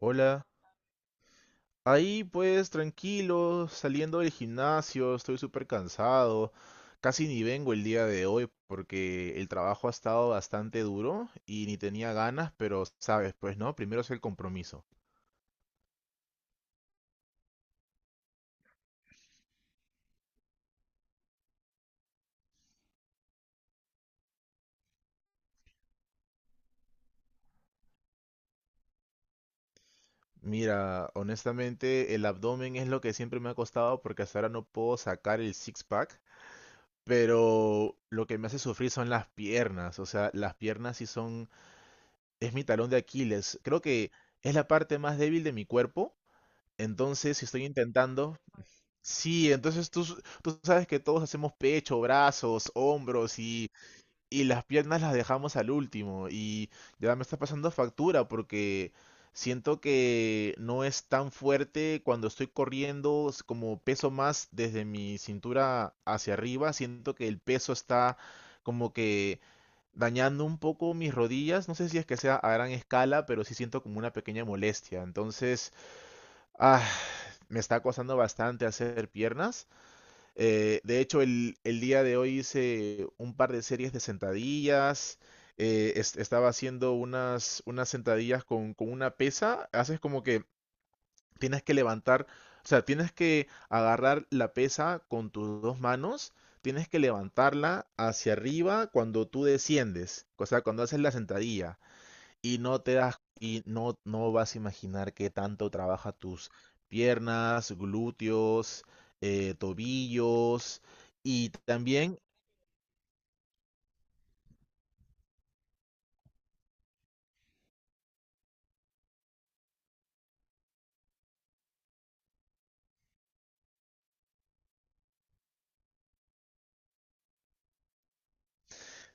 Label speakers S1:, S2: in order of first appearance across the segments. S1: Hola. Ahí pues tranquilo, saliendo del gimnasio, estoy súper cansado. Casi ni vengo el día de hoy porque el trabajo ha estado bastante duro y ni tenía ganas, pero sabes, pues no, primero es el compromiso. Mira, honestamente el abdomen es lo que siempre me ha costado porque hasta ahora no puedo sacar el six-pack, pero lo que me hace sufrir son las piernas, o sea, las piernas sí son, es mi talón de Aquiles. Creo que es la parte más débil de mi cuerpo. Entonces, si estoy intentando, sí, entonces tú sabes que todos hacemos pecho, brazos, hombros y las piernas las dejamos al último. Y ya me está pasando factura porque siento que no es tan fuerte cuando estoy corriendo, como peso más desde mi cintura hacia arriba, siento que el peso está como que dañando un poco mis rodillas. No sé si es que sea a gran escala, pero sí siento como una pequeña molestia. Entonces. Ah, me está costando bastante hacer piernas. De hecho, el día de hoy hice un par de series de sentadillas. Estaba haciendo unas sentadillas con una pesa. Haces como que tienes que levantar, o sea, tienes que agarrar la pesa con tus dos manos. Tienes que levantarla hacia arriba cuando tú desciendes, o sea, cuando haces la sentadilla y no te das y no vas a imaginar qué tanto trabaja tus piernas, glúteos, tobillos y también.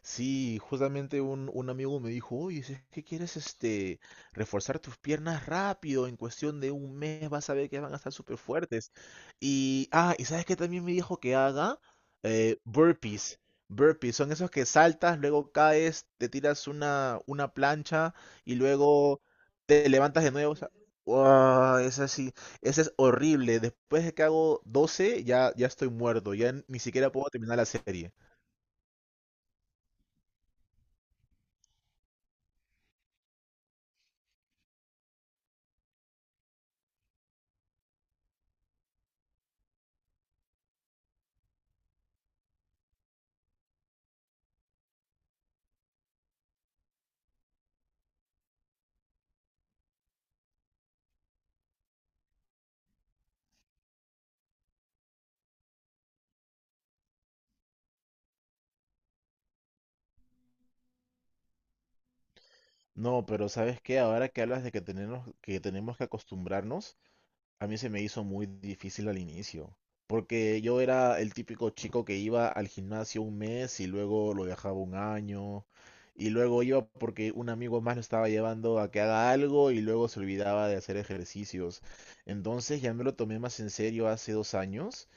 S1: Sí, justamente un amigo me dijo, oye, si es que quieres reforzar tus piernas rápido, en cuestión de un mes vas a ver que van a estar súper fuertes. Y sabes que también me dijo que haga burpees. Burpees son esos que saltas, luego caes, te tiras una plancha y luego te levantas de nuevo. O sea, ¡guau!, es así, ese es horrible. Después de que hago 12, ya estoy muerto, ya ni siquiera puedo terminar la serie. No, pero ¿sabes qué? Ahora que hablas de que que tenemos que acostumbrarnos, a mí se me hizo muy difícil al inicio, porque yo era el típico chico que iba al gimnasio un mes y luego lo dejaba un año, y luego iba porque un amigo más lo estaba llevando a que haga algo y luego se olvidaba de hacer ejercicios. Entonces ya me lo tomé más en serio hace 2 años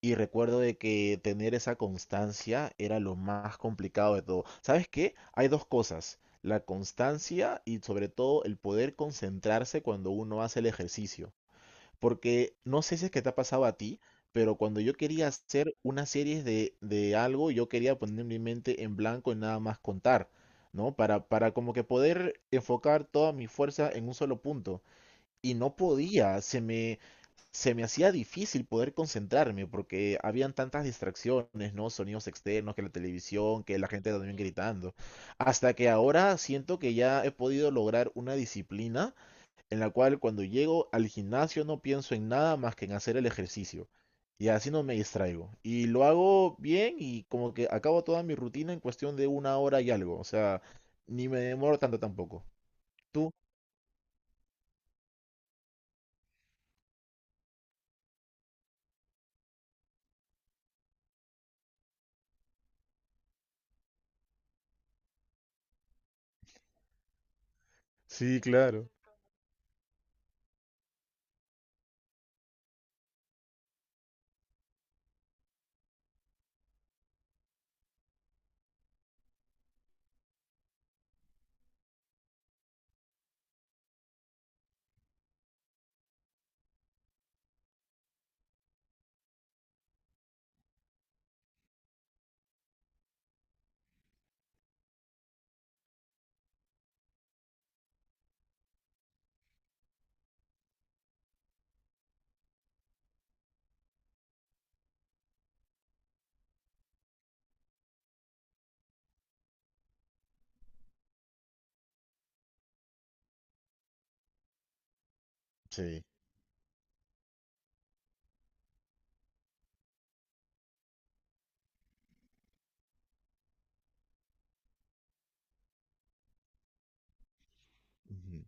S1: y recuerdo de que tener esa constancia era lo más complicado de todo. ¿Sabes qué? Hay dos cosas, la constancia y sobre todo el poder concentrarse cuando uno hace el ejercicio. Porque no sé si es que te ha pasado a ti, pero cuando yo quería hacer una serie de algo, yo quería poner mi mente en blanco y nada más contar, ¿no? Para como que poder enfocar toda mi fuerza en un solo punto. Y no podía, se me hacía difícil poder concentrarme porque habían tantas distracciones, ¿no? Sonidos externos, que la televisión, que la gente también gritando. Hasta que ahora siento que ya he podido lograr una disciplina en la cual cuando llego al gimnasio no pienso en nada más que en hacer el ejercicio. Y así no me distraigo. Y lo hago bien y como que acabo toda mi rutina en cuestión de una hora y algo. O sea, ni me demoro tanto tampoco. ¿Tú? Sí, claro. Sí. Ujú.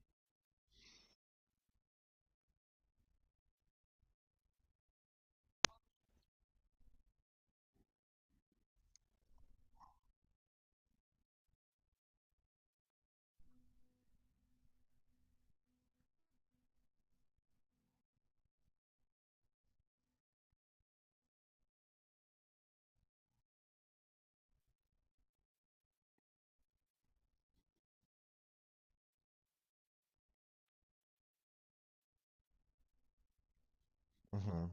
S1: Ujú.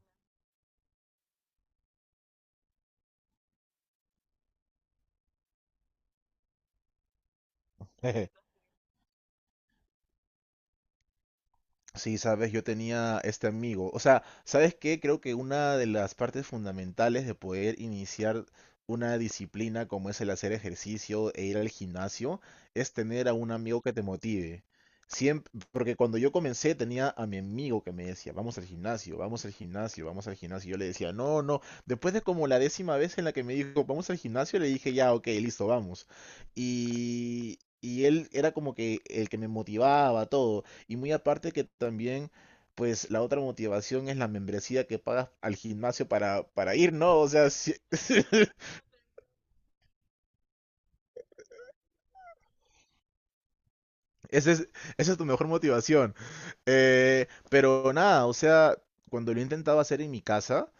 S1: Sí, sabes, yo tenía este amigo. O sea, ¿sabes qué? Creo que una de las partes fundamentales de poder iniciar una disciplina como es el hacer ejercicio e ir al gimnasio es tener a un amigo que te motive. Siempre, porque cuando yo comencé tenía a mi amigo que me decía, vamos al gimnasio, vamos al gimnasio, vamos al gimnasio. Y yo le decía, no, no. Después de como la décima vez en la que me dijo, vamos al gimnasio, le dije, ya, ok, listo, vamos. Y él era como que el que me motivaba, todo. Y muy aparte que también, pues la otra motivación es la membresía que pagas al gimnasio para ir, ¿no? O sea, ese es- esa es tu mejor motivación. Pero nada, o sea, cuando lo intentaba hacer en mi casa,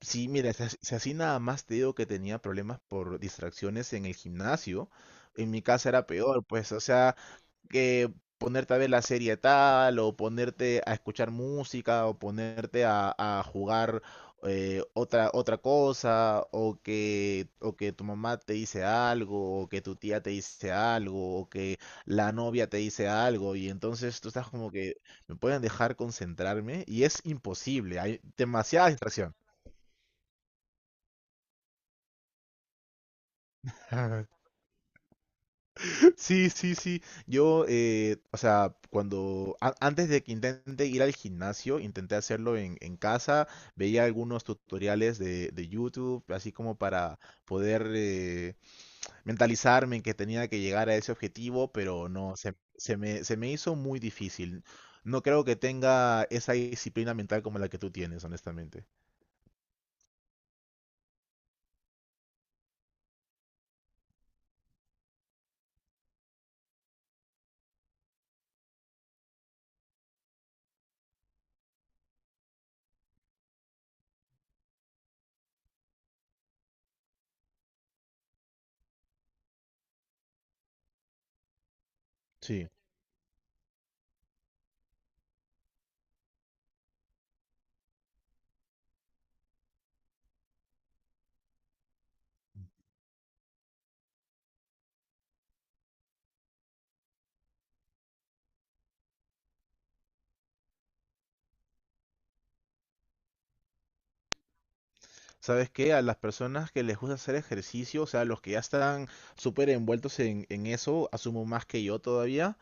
S1: sí, mira, si así nada más te digo que tenía problemas por distracciones en el gimnasio, en mi casa era peor, pues, o sea, que ponerte a ver la serie tal, o ponerte a escuchar música, o ponerte a jugar otra cosa, o que tu mamá te dice algo, o que tu tía te dice algo, o que la novia te dice algo, y entonces tú estás como que me pueden dejar concentrarme, y es imposible, hay demasiada distracción. Sí, sí, sí. Yo, o sea, cuando antes de que intente ir al gimnasio, intenté hacerlo en casa, veía algunos tutoriales de YouTube, así como para poder mentalizarme en que tenía que llegar a ese objetivo, pero no, se me hizo muy difícil. No creo que tenga esa disciplina mental como la que tú tienes, honestamente. Sí. ¿Sabes qué? A las personas que les gusta hacer ejercicio, o sea, los que ya están súper envueltos en eso, asumo más que yo todavía,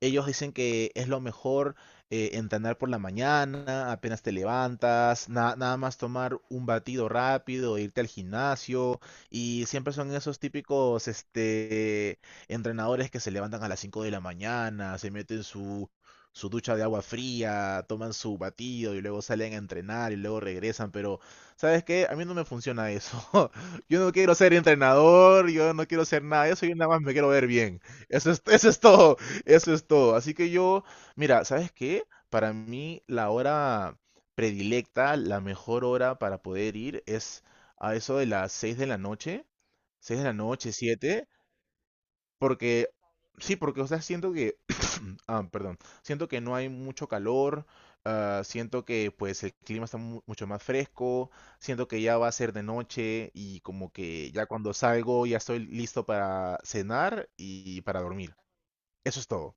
S1: ellos dicen que es lo mejor entrenar por la mañana, apenas te levantas, nada más tomar un batido rápido, irte al gimnasio. Y siempre son esos típicos entrenadores que se levantan a las 5 de la mañana, se meten su ducha de agua fría, toman su batido y luego salen a entrenar y luego regresan. Pero, ¿sabes qué? A mí no me funciona eso. Yo no quiero ser entrenador, yo no quiero ser nada de eso, yo nada más me quiero ver bien. Eso es todo. Eso es todo. Así que yo, mira, ¿sabes qué? Para mí la hora predilecta, la mejor hora para poder ir es a eso de las 6 de la noche, 6 de la noche, 7, porque sí, porque o sea, siento que, ah, perdón, siento que no hay mucho calor, ah, siento que pues el clima está mucho más fresco, siento que ya va a ser de noche y como que ya cuando salgo ya estoy listo para cenar y para dormir. Eso es todo.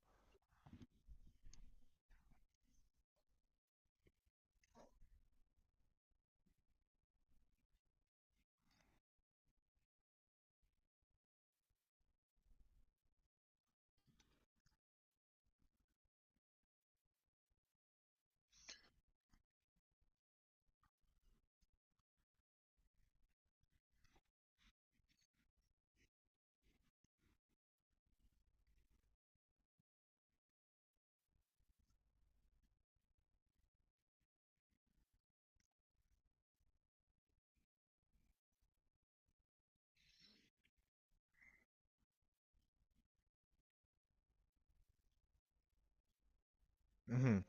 S1: Ujú,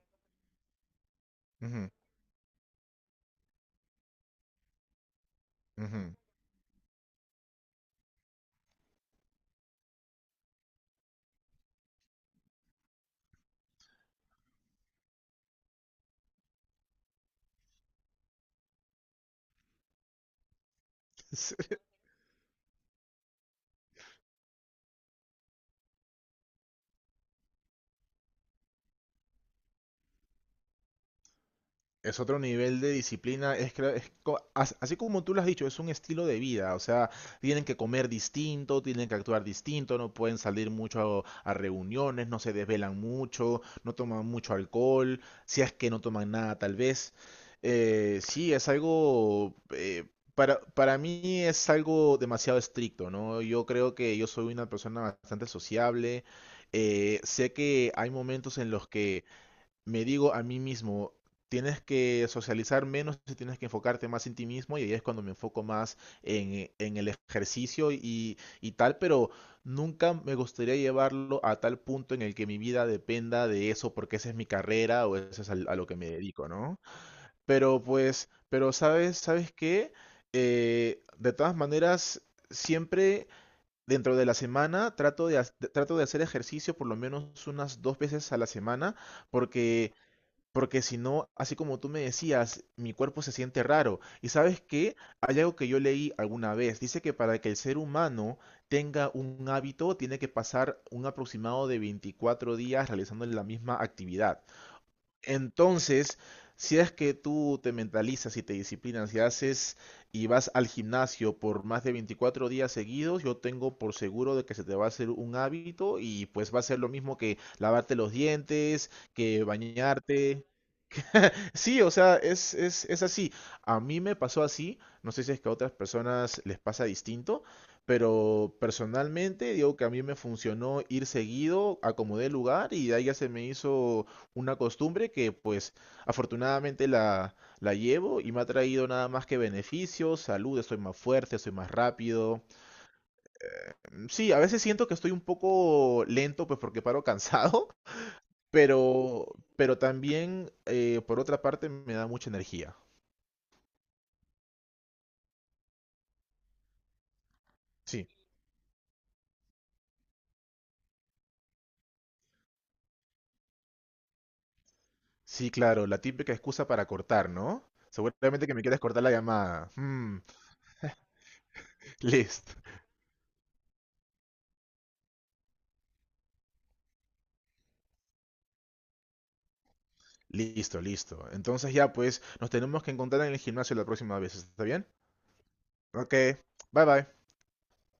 S1: ujú. Ujú. Es, es otro nivel de disciplina, es, que- es co- as- así como tú lo has dicho, es un estilo de vida, o sea, tienen que comer distinto, tienen que actuar distinto, no pueden salir mucho a reuniones, no se desvelan mucho, no toman mucho alcohol, si es que no toman nada tal vez. Sí, es algo, para mí es algo demasiado estricto, ¿no? Yo creo que yo soy una persona bastante sociable, sé que hay momentos en los que me digo a mí mismo, tienes que socializar menos y tienes que enfocarte más en ti mismo y ahí es cuando me enfoco más en el ejercicio y tal, pero nunca me gustaría llevarlo a tal punto en el que mi vida dependa de eso porque esa es mi carrera o eso es lo que me dedico, ¿no? Pero pues, pero sabes, ¿sabes qué? De todas maneras, siempre. Dentro de la semana trato de hacer ejercicio por lo menos unas 2 veces a la semana porque porque si no, así como tú me decías, mi cuerpo se siente raro. ¿Y sabes qué? Hay algo que yo leí alguna vez. Dice que para que el ser humano tenga un hábito, tiene que pasar un aproximado de 24 días realizando la misma actividad. Entonces, si es que tú te mentalizas y te disciplinas y haces y vas al gimnasio por más de 24 días seguidos, yo tengo por seguro de que se te va a hacer un hábito y pues va a ser lo mismo que lavarte los dientes, que bañarte. Sí, o sea, es así. A mí me pasó así, no sé si es que a otras personas les pasa distinto, pero personalmente digo que a mí me funcionó ir seguido, acomodé el lugar y de ahí ya se me hizo una costumbre que pues afortunadamente la llevo y me ha traído nada más que beneficios, salud, estoy más fuerte, soy más rápido. Mm, sí, a veces siento que estoy un poco lento pues porque paro cansado, pero, pero también por otra parte me da mucha energía. Sí. Sí, claro, la típica excusa para cortar, ¿no? Seguramente que me quieres cortar la llamada. Mm. Listo, listo, listo. Entonces ya, pues, nos tenemos que encontrar en el gimnasio la próxima vez, ¿está bien? Ok, bye bye.